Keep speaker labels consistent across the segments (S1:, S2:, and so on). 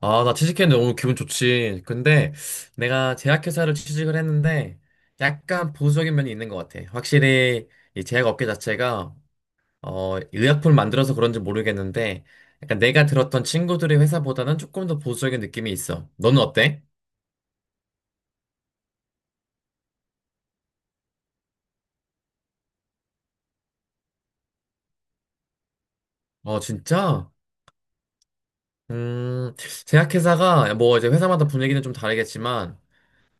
S1: 아, 나 취직했는데 너무 기분 좋지. 근데 내가 제약회사를 취직을 했는데 약간 보수적인 면이 있는 것 같아. 확실히 이 제약업계 자체가 의약품을 만들어서 그런지 모르겠는데 약간 내가 들었던 친구들의 회사보다는 조금 더 보수적인 느낌이 있어. 너는 어때? 어, 진짜? 음, 제약회사가 뭐 이제 회사마다 분위기는 좀 다르겠지만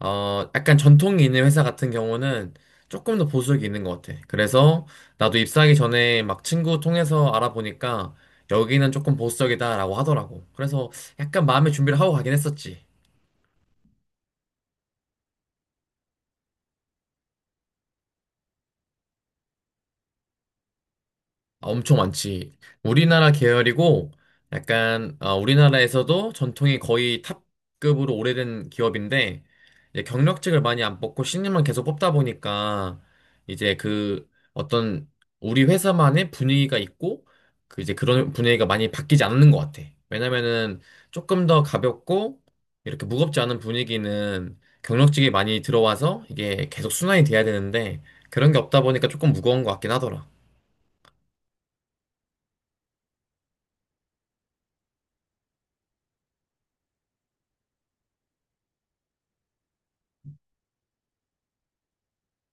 S1: 약간 전통이 있는 회사 같은 경우는 조금 더 보수적이 있는 것 같아. 그래서 나도 입사하기 전에 막 친구 통해서 알아보니까 여기는 조금 보수적이다라고 하더라고. 그래서 약간 마음의 준비를 하고 가긴 했었지. 아, 엄청 많지. 우리나라 계열이고, 약간, 우리나라에서도 전통이 거의 탑급으로 오래된 기업인데, 이제 경력직을 많이 안 뽑고 신입만 계속 뽑다 보니까, 이제 그 어떤 우리 회사만의 분위기가 있고, 그 이제 그런 분위기가 많이 바뀌지 않는 것 같아. 왜냐면은 조금 더 가볍고, 이렇게 무겁지 않은 분위기는 경력직이 많이 들어와서 이게 계속 순환이 돼야 되는데, 그런 게 없다 보니까 조금 무거운 것 같긴 하더라.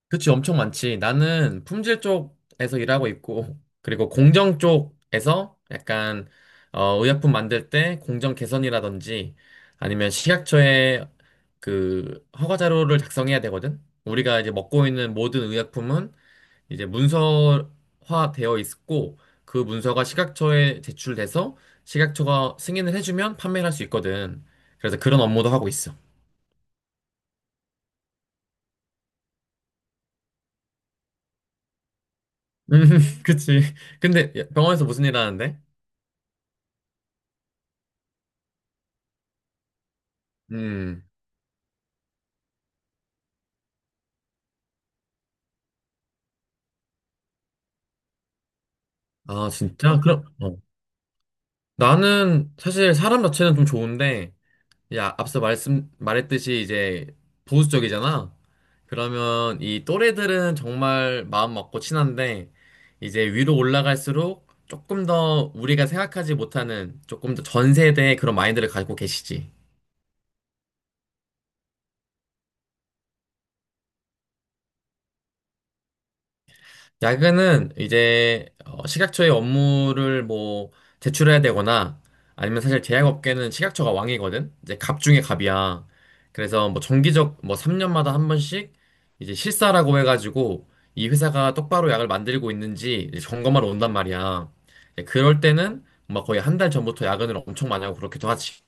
S1: 그치, 엄청 많지. 나는 품질 쪽에서 일하고 있고, 그리고 공정 쪽에서 약간, 의약품 만들 때 공정 개선이라든지, 아니면 식약처에 그 허가 자료를 작성해야 되거든. 우리가 이제 먹고 있는 모든 의약품은 이제 문서화 되어 있고, 그 문서가 식약처에 제출돼서 식약처가 승인을 해주면 판매를 할 수 있거든. 그래서 그런 업무도 하고 있어. 음, 그치. 근데 병원에서 무슨 일 하는데? 음. 아, 진짜? 그럼, 어. 나는 사실 사람 자체는 좀 좋은데, 야, 앞서 말했듯이 이제 보수적이잖아? 그러면 이 또래들은 정말 마음 맞고 친한데, 이제 위로 올라갈수록 조금 더 우리가 생각하지 못하는 조금 더 전 세대의 그런 마인드를 가지고 계시지. 야근은 이제 식약처의 업무를 뭐 제출해야 되거나 아니면 사실 제약업계는 식약처가 왕이거든. 이제 갑 중에 갑이야. 그래서 뭐 정기적 뭐 3년마다 한 번씩 이제 실사라고 해가지고 이 회사가 똑바로 약을 만들고 있는지 이제 점검하러 온단 말이야. 이제 그럴 때는 막 거의 한 달 전부터 야근을 엄청 많이 하고 그렇기도 하지.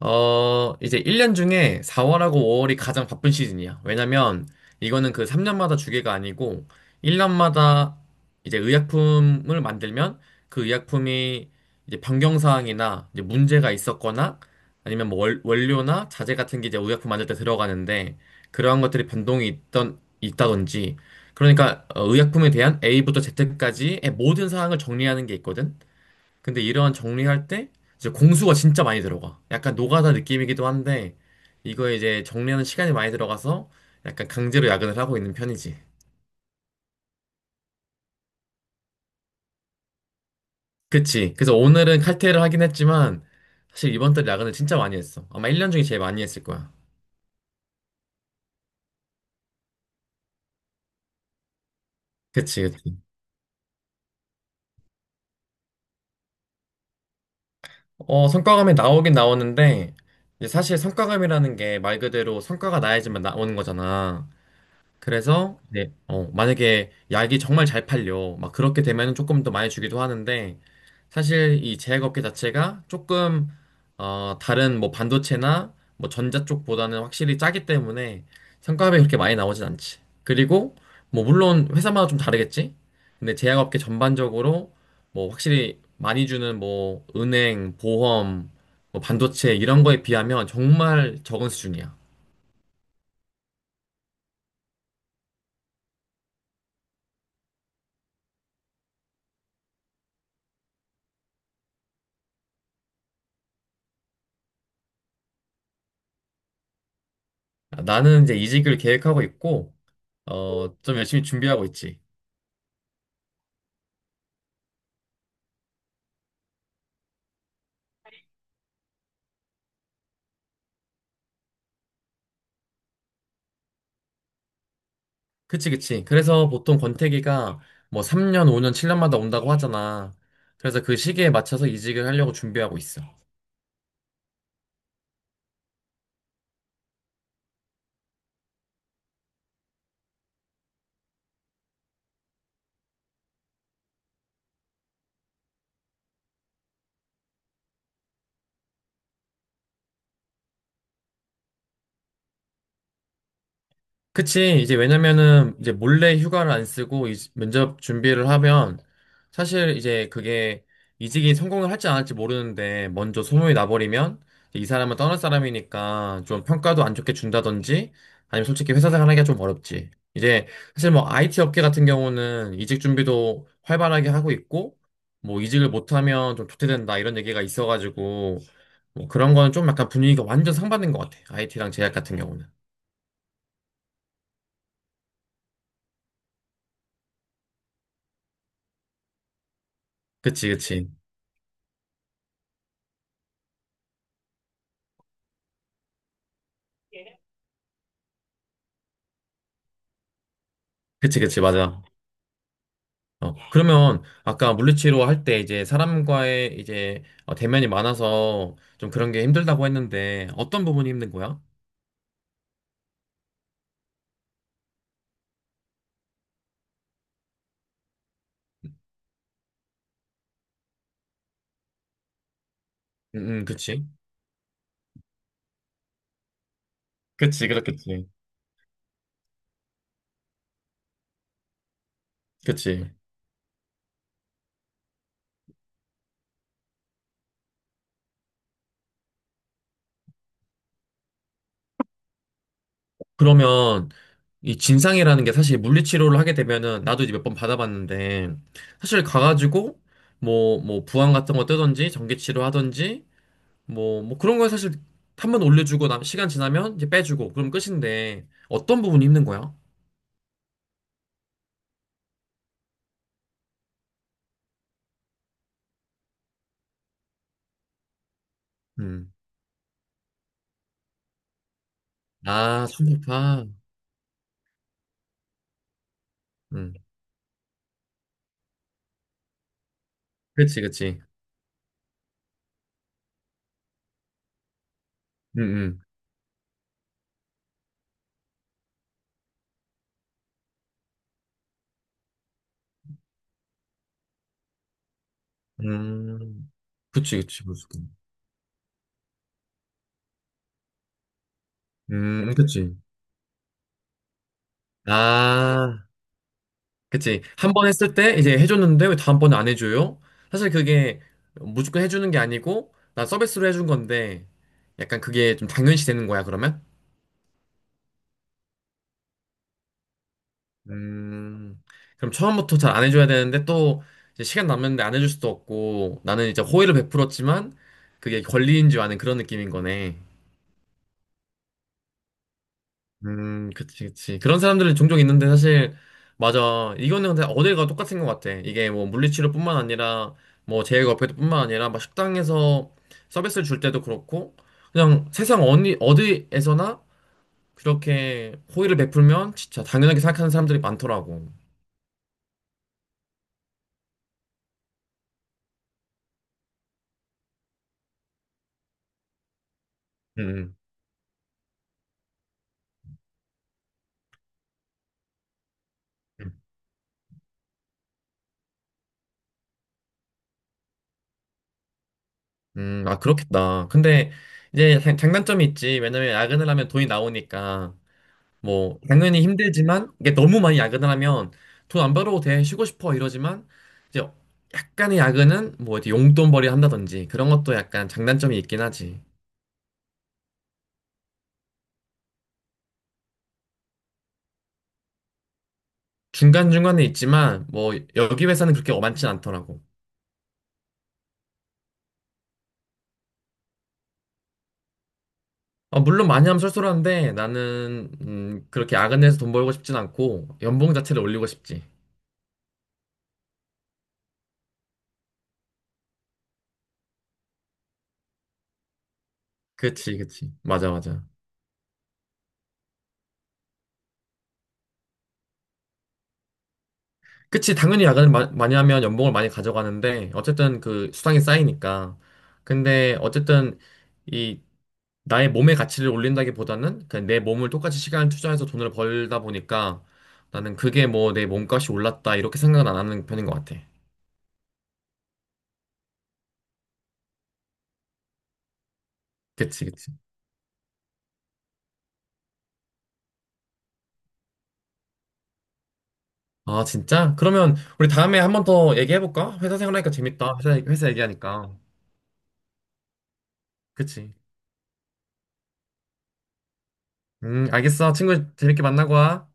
S1: 이제 1년 중에 4월하고 5월이 가장 바쁜 시즌이야. 왜냐면 이거는 그 3년마다 주계가 아니고 1년마다 이제 의약품을 만들면 그 의약품이 이제 변경사항이나 이제 문제가 있었거나 아니면 뭐 원료나 자재 같은 게 이제 의약품 만들 때 들어가는데 그러한 것들이 변동이 있던, 있다든지 그러니까 의약품에 대한 A부터 Z까지의 모든 사항을 정리하는 게 있거든. 근데 이러한 정리할 때 이제 공수가 진짜 많이 들어가. 약간 노가다 느낌이기도 한데 이거 이제 정리하는 시간이 많이 들어가서 약간 강제로 야근을 하고 있는 편이지. 그치. 그래서 오늘은 칼퇴를 하긴 했지만 사실 이번 달 야근을 진짜 많이 했어. 아마 1년 중에 제일 많이 했을 거야. 그치, 그치. 성과감이 나오긴 나오는데 이제 사실 성과감이라는 게 말 그대로 성과가 나야지만 나오는 거잖아. 그래서 네, 만약에 약이 정말 잘 팔려 막 그렇게 되면 조금 더 많이 주기도 하는데 사실 이 제약업계 자체가 조금 다른 뭐 반도체나 뭐 전자 쪽보다는 확실히 짜기 때문에 성과급이 그렇게 많이 나오진 않지. 그리고 뭐 물론 회사마다 좀 다르겠지. 근데 제약업계 전반적으로 뭐 확실히 많이 주는 뭐 은행, 보험, 뭐 반도체 이런 거에 비하면 정말 적은 수준이야. 나는 이제 이직을 계획하고 있고. 좀 열심히 준비하고 있지. 그치, 그치. 그래서 보통 권태기가 뭐 3년, 5년, 7년마다 온다고 하잖아. 그래서 그 시기에 맞춰서 이직을 하려고 준비하고 있어. 그치. 이제 왜냐면은 이제 몰래 휴가를 안 쓰고 면접 준비를 하면 사실 이제 그게 이직이 성공을 할지 안 할지 모르는데 먼저 소문이 나버리면 이 사람은 떠날 사람이니까 좀 평가도 안 좋게 준다든지 아니면 솔직히 회사 생활 하기가 좀 어렵지. 이제 사실 뭐 IT 업계 같은 경우는 이직 준비도 활발하게 하고 있고 뭐 이직을 못하면 좀 도태된다 이런 얘기가 있어가지고 뭐 그런 거는 좀 약간 분위기가 완전 상반된 것 같아. IT랑 제약 같은 경우는. 그치, 그치. 그치, 그치, 맞아. 그러면 아까 물리치료 할 때 이제 사람과의 이제 대면이 많아서 좀 그런 게 힘들다고 했는데 어떤 부분이 힘든 거야? 응, 그치. 그치, 그렇겠지. 그치. 그러면 이 진상이라는 게 사실 물리치료를 하게 되면은 나도 이제 몇 번 받아봤는데 사실 가가지고 뭐 부항 같은 거 뜨든지 전기치료 하든지 뭐 그런 거 사실 한번 올려주고 나 시간 지나면 이제 빼주고 그럼 끝인데 어떤 부분이 힘든 거야? 음. 아, 충격파. 응. 그치, 그치. 응, 응. 음. 그치, 그치, 무조건. 그치. 아, 그치. 한 번 했을 때 이제 해줬는데 왜 다음번에 안 해줘요? 사실 그게 무조건 해주는 게 아니고, 난 서비스로 해준 건데, 약간 그게 좀 당연시 되는 거야, 그러면? 음, 그럼 처음부터 잘 안 해줘야 되는데 또 이제 시간 남는데 안 해줄 수도 없고, 나는 이제 호의를 베풀었지만, 그게 권리인 줄 아는 그런 느낌인 거네. 그치, 그치. 그런 사람들은 종종 있는데 사실, 맞아. 이거는 근데 어딜 가도 똑같은 것 같아. 이게 뭐 물리치료뿐만 아니라, 뭐 제일과페뿐만 아니라, 막 식당에서 서비스를 줄 때도 그렇고, 그냥 세상 어디, 어디에서나 그렇게 호의를 베풀면 진짜 당연하게 생각하는 사람들이 많더라고. 음, 음, 아, 그렇겠다. 근데 이제 장단점이 있지. 왜냐면 야근을 하면 돈이 나오니까. 뭐 당연히 힘들지만 이게 너무 많이 야근을 하면 돈 안 벌어도 돼 쉬고 싶어 이러지만 이제 약간의 야근은 뭐 이제 용돈벌이 한다든지 그런 것도 약간 장단점이 있긴 하지. 중간중간에 있지만 뭐 여기 회사는 그렇게 많진 않더라고. 아, 물론 많이 하면 쏠쏠한데 나는 그렇게 야근해서 돈 벌고 싶진 않고 연봉 자체를 올리고 싶지. 그치, 그치, 맞아, 맞아. 그치, 당연히 야근을 많이 하면 연봉을 많이 가져가는데, 어쨌든 그 수당이 쌓이니까. 근데 어쨌든 이 나의 몸의 가치를 올린다기보다는 그냥 내 몸을 똑같이 시간을 투자해서 돈을 벌다 보니까 나는 그게 뭐 내 몸값이 올랐다 이렇게 생각은 안 하는 편인 것 같아. 그치, 그치. 아, 진짜? 그러면 우리 다음에 한번 더 얘기해볼까? 회사 생활하니까 재밌다. 회사 얘기하니까. 그치. 알겠어. 친구 재밌게 만나고 와.